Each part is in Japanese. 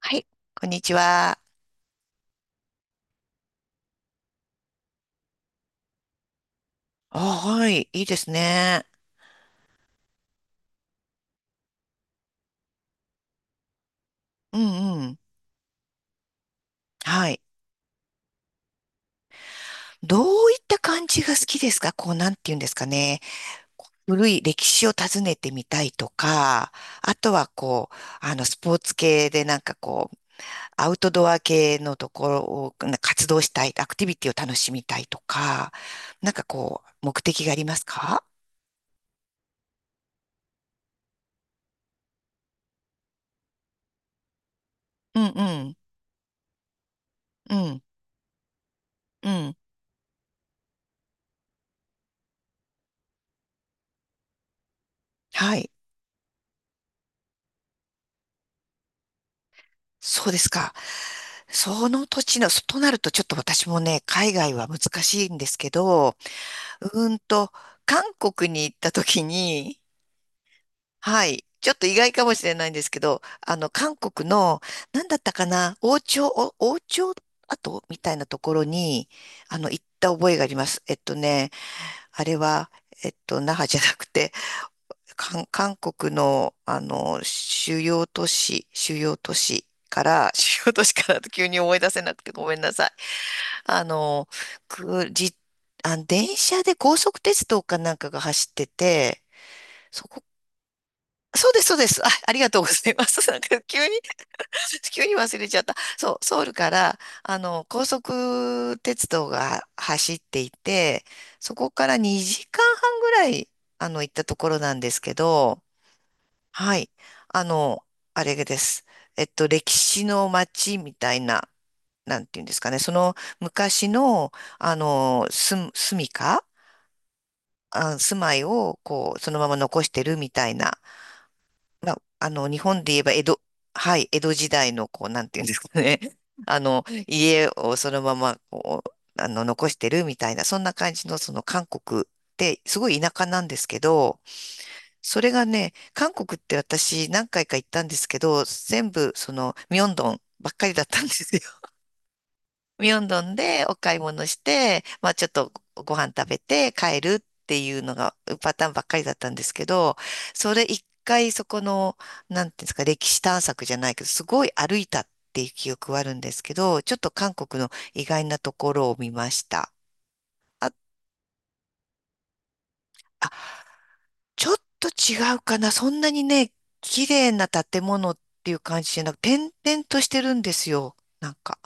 はい、こんにちは。あ、はい、いいですね。うんうん。はい。どういった感じが好きですか？こう、なんて言うんですかね。古い歴史を訪ねてみたいとか、あとはこう、スポーツ系でなんかこう、アウトドア系のところをな活動したい、アクティビティを楽しみたいとか、なんかこう、目的がありますか？うんうん。うんうん。はい。そうですか。その土地の、そとなるとちょっと私もね、海外は難しいんですけど、うーんと、韓国に行った時に、はい、ちょっと意外かもしれないんですけど、韓国の、なんだったかな、王朝、お王朝跡みたいなところに、行った覚えがあります。あれは、那覇じゃなくて、韓国の、主要都市、主要都市から、主要都市からと急に思い出せなくてごめんなさい。あの、く、じ、あ、電車で高速鉄道かなんかが走ってて、そこ、そうです、そうです。あ、ありがとうございます。なんか急に、急に忘れちゃった。そう、ソウルから、高速鉄道が走っていて、そこから2時間半ぐらい、行ったところなんですけど、はい。あの、あれです。歴史の街みたいな、なんていうんですかね。その昔の、住みか、あ、住まいを、こう、そのまま残してるみたいな。まあ、日本で言えば江戸、はい、江戸時代の、こう、なんていうんですかね。家をそのまま、こう、残してるみたいな、そんな感じの、その韓国って、すごい田舎なんですけど、それがね、韓国って私何回か行ったんですけど、全部そのミョンドンばっかりだったんですよ。ミョンドンでお買い物して、まあちょっとご飯食べて帰るっていうのがパターンばっかりだったんですけど、それ一回そこの、なんていうんですか、歴史探索じゃないけど、すごい歩いたっていう記憶はあるんですけど、ちょっと韓国の意外なところを見ました。あ、あ、ちょっと違うかな。そんなにね、綺麗な建物っていう感じじゃなく、点々としてるんですよ。なんか、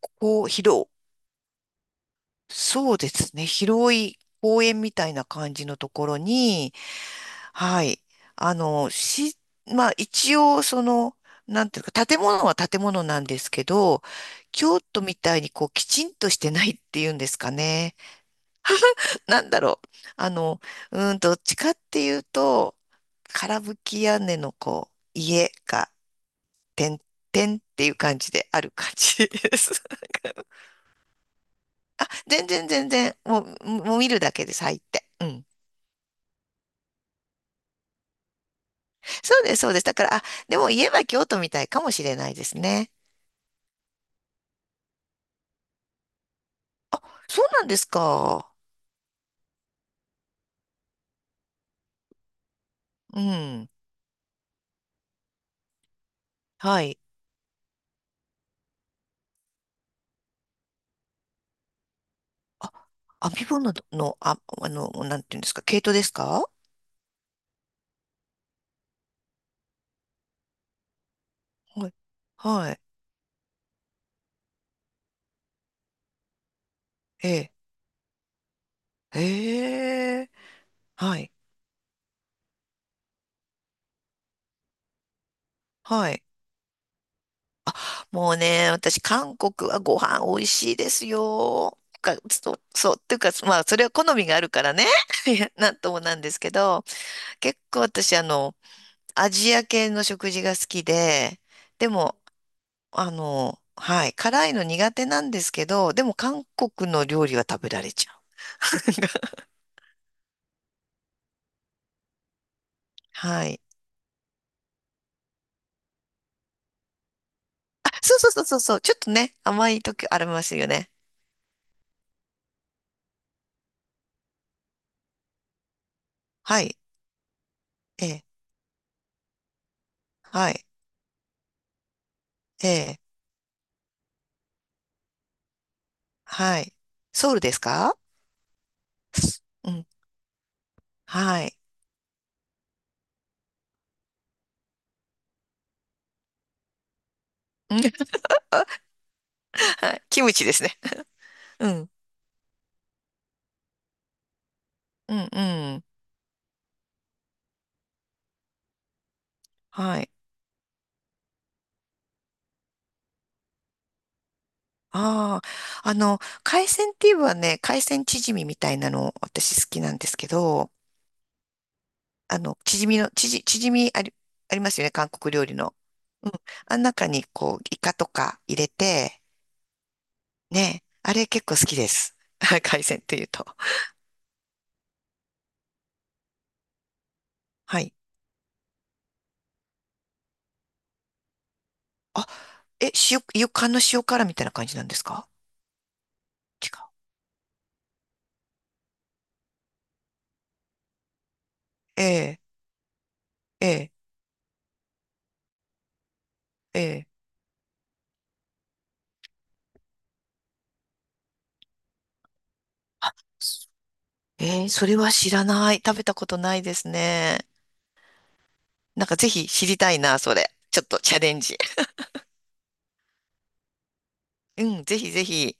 ここ、広、そうですね。広い公園みたいな感じのところに、はい。あの、し、まあ一応、その、なんていうか、建物は建物なんですけど、京都みたいにこう、きちんとしてないっていうんですかね。なんだろう。あの、うーん、どっちかっていうと、空吹き屋根のこう、家が、てんてんっていう感じである感じです。あ、全然全然、もう、もう見るだけで咲いて。うん。そうです、そうです。だから、あ、でも家は京都みたいかもしれないですね。そうなんですか。うん。はい。あ、編み物の、あ、なんていうんですか、毛糸ですか？はい。はい。ええ。ええ。はい。はい。もうね、私、韓国はご飯美味しいですよ。か、そう、そう、っていうか、まあ、それは好みがあるからね。いやなんともなんですけど、結構私、アジア系の食事が好きで、でも、はい、辛いの苦手なんですけど、でも韓国の料理は食べられちゃう。はい。あ、そうそうそうそうそう、ちょっとね、甘い時ありますよね。はい、ええ、はい、ええ、はい。ソウルですか？うん、はい。うん、はい。 キムチですね。うん。うん、うん。はい。ああ。あの、海鮮って言えばね、海鮮チヂミみたいなの私好きなんですけど、あの、チヂミの、チヂミあり、ありますよね、韓国料理の。うん。あん中にこう、イカとか入れて、ね、あれ結構好きです。海鮮っていうと。はい。あ、え、塩、イの塩辛みたいな感じなんですか？違う。ええ、ええ、ええ。あ、そ、ええ、それは知らない。食べたことないですね。なんかぜひ知りたいな、それ。ちょっとチャレンジ。うん、ぜひぜひ。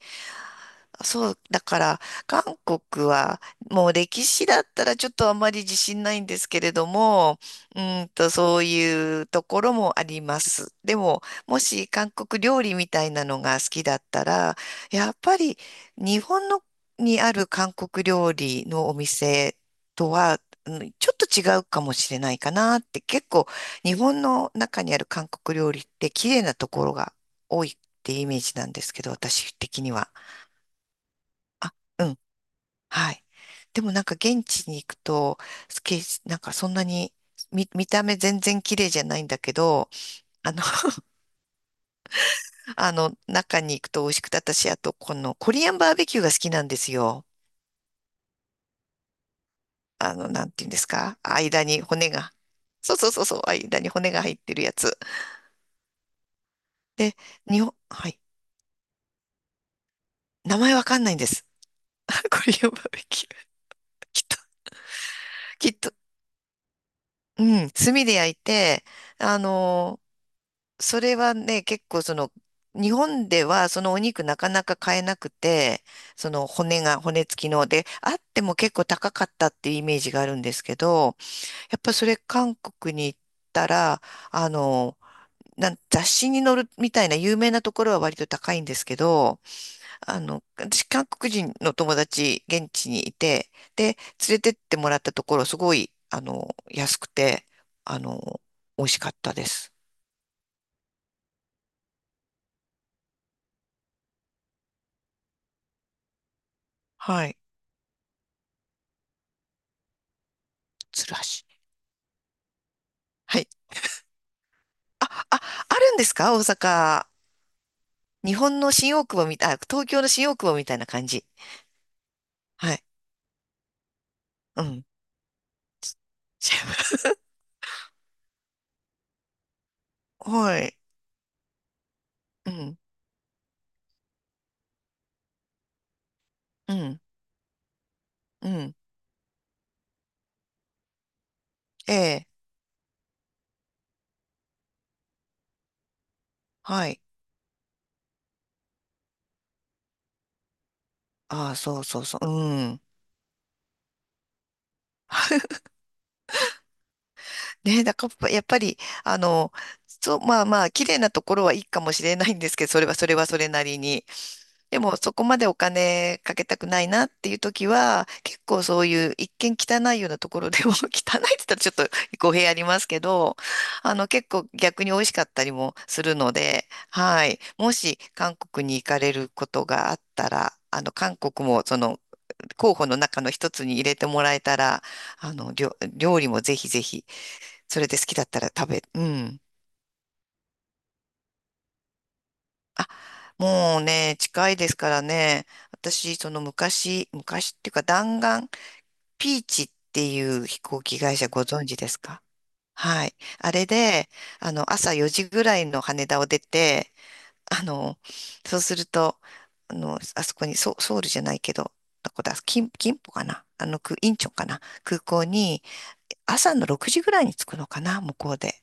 そう、だから、韓国は、もう歴史だったらちょっとあまり自信ないんですけれども、そういうところもあります。でも、もし韓国料理みたいなのが好きだったら、やっぱり日本のにある韓国料理のお店とは、うん、ちょっと違うかもしれないかなって、結構日本の中にある韓国料理って綺麗なところが多いってイメージなんですけど、私的には。あ、うん、はい。でもなんか現地に行くと、スケ、なんかそんなに、見、見た目全然綺麗じゃないんだけど、あの、中に行くと美味しくて、私、あと、このコリアンバーベキューが好きなんですよ。なんていうんですか間に骨が。そうそうそうそう、間に骨が入ってるやつ。で、日本、はい。名前わかんないんです。コリアンバーベキュー。きっと、きっと、うん、炭で焼いて、あの、それはね、結構その、日本ではそのお肉なかなか買えなくて、その骨が、骨付きので、あっても結構高かったっていうイメージがあるんですけど、やっぱそれ韓国に行ったら、あの、なん雑誌に載るみたいな有名なところは割と高いんですけど、私韓国人の友達現地にいて、で、連れてってもらったところすごい、安くて、あの、美味しかったです。はい。鶴橋。はい、あ、あ、あるんですか？大阪。日本の新大久保みたい、あ、東京の新大久保みたいな感じ。はい。うん。はい。うん。うん。うん。ええ。はい。ああ、そうそうそう。うん。ねえ、だからやっぱり、あの、そう、まあまあ、綺麗なところはいいかもしれないんですけど、それはそれはそれなりに。でも、そこまでお金かけたくないなっていう時は、結構そういう一見汚いようなところでも、汚いって言ったらちょっと語弊ありますけど、結構逆に美味しかったりもするので、はい。もし韓国に行かれることがあったら、韓国もその候補の中の一つに入れてもらえたら、料理もぜひぜひ。それで好きだったら食べ、うん。あ、もうね、近いですからね。私、その昔、昔っていうか弾丸、ピーチっていう飛行機会社ご存知ですか？はい。あれで、朝4時ぐらいの羽田を出て、あの、そうすると、あそこに、ソ、ソウルじゃないけど、どこだ、キン、キンポかな、あの、く、インチョンかな空港に、朝の6時ぐらいに着くのかな向こうで。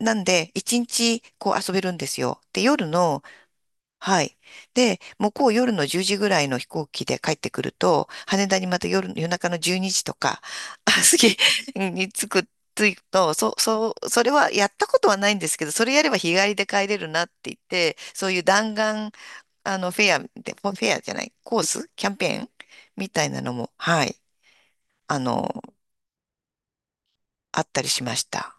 なんで、一日こう遊べるんですよ。で、夜の、はい。で、向こう夜の10時ぐらいの飛行機で帰ってくると、羽田にまた夜、夜中の12時とか、あ、すに着く、着くと、そ、そう、それはやったことはないんですけど、それやれば日帰りで帰れるなって言って、そういう弾丸、フェアで、フェアじゃない、コースキャンペーンみたいなのも、はい、あの、あったりしました。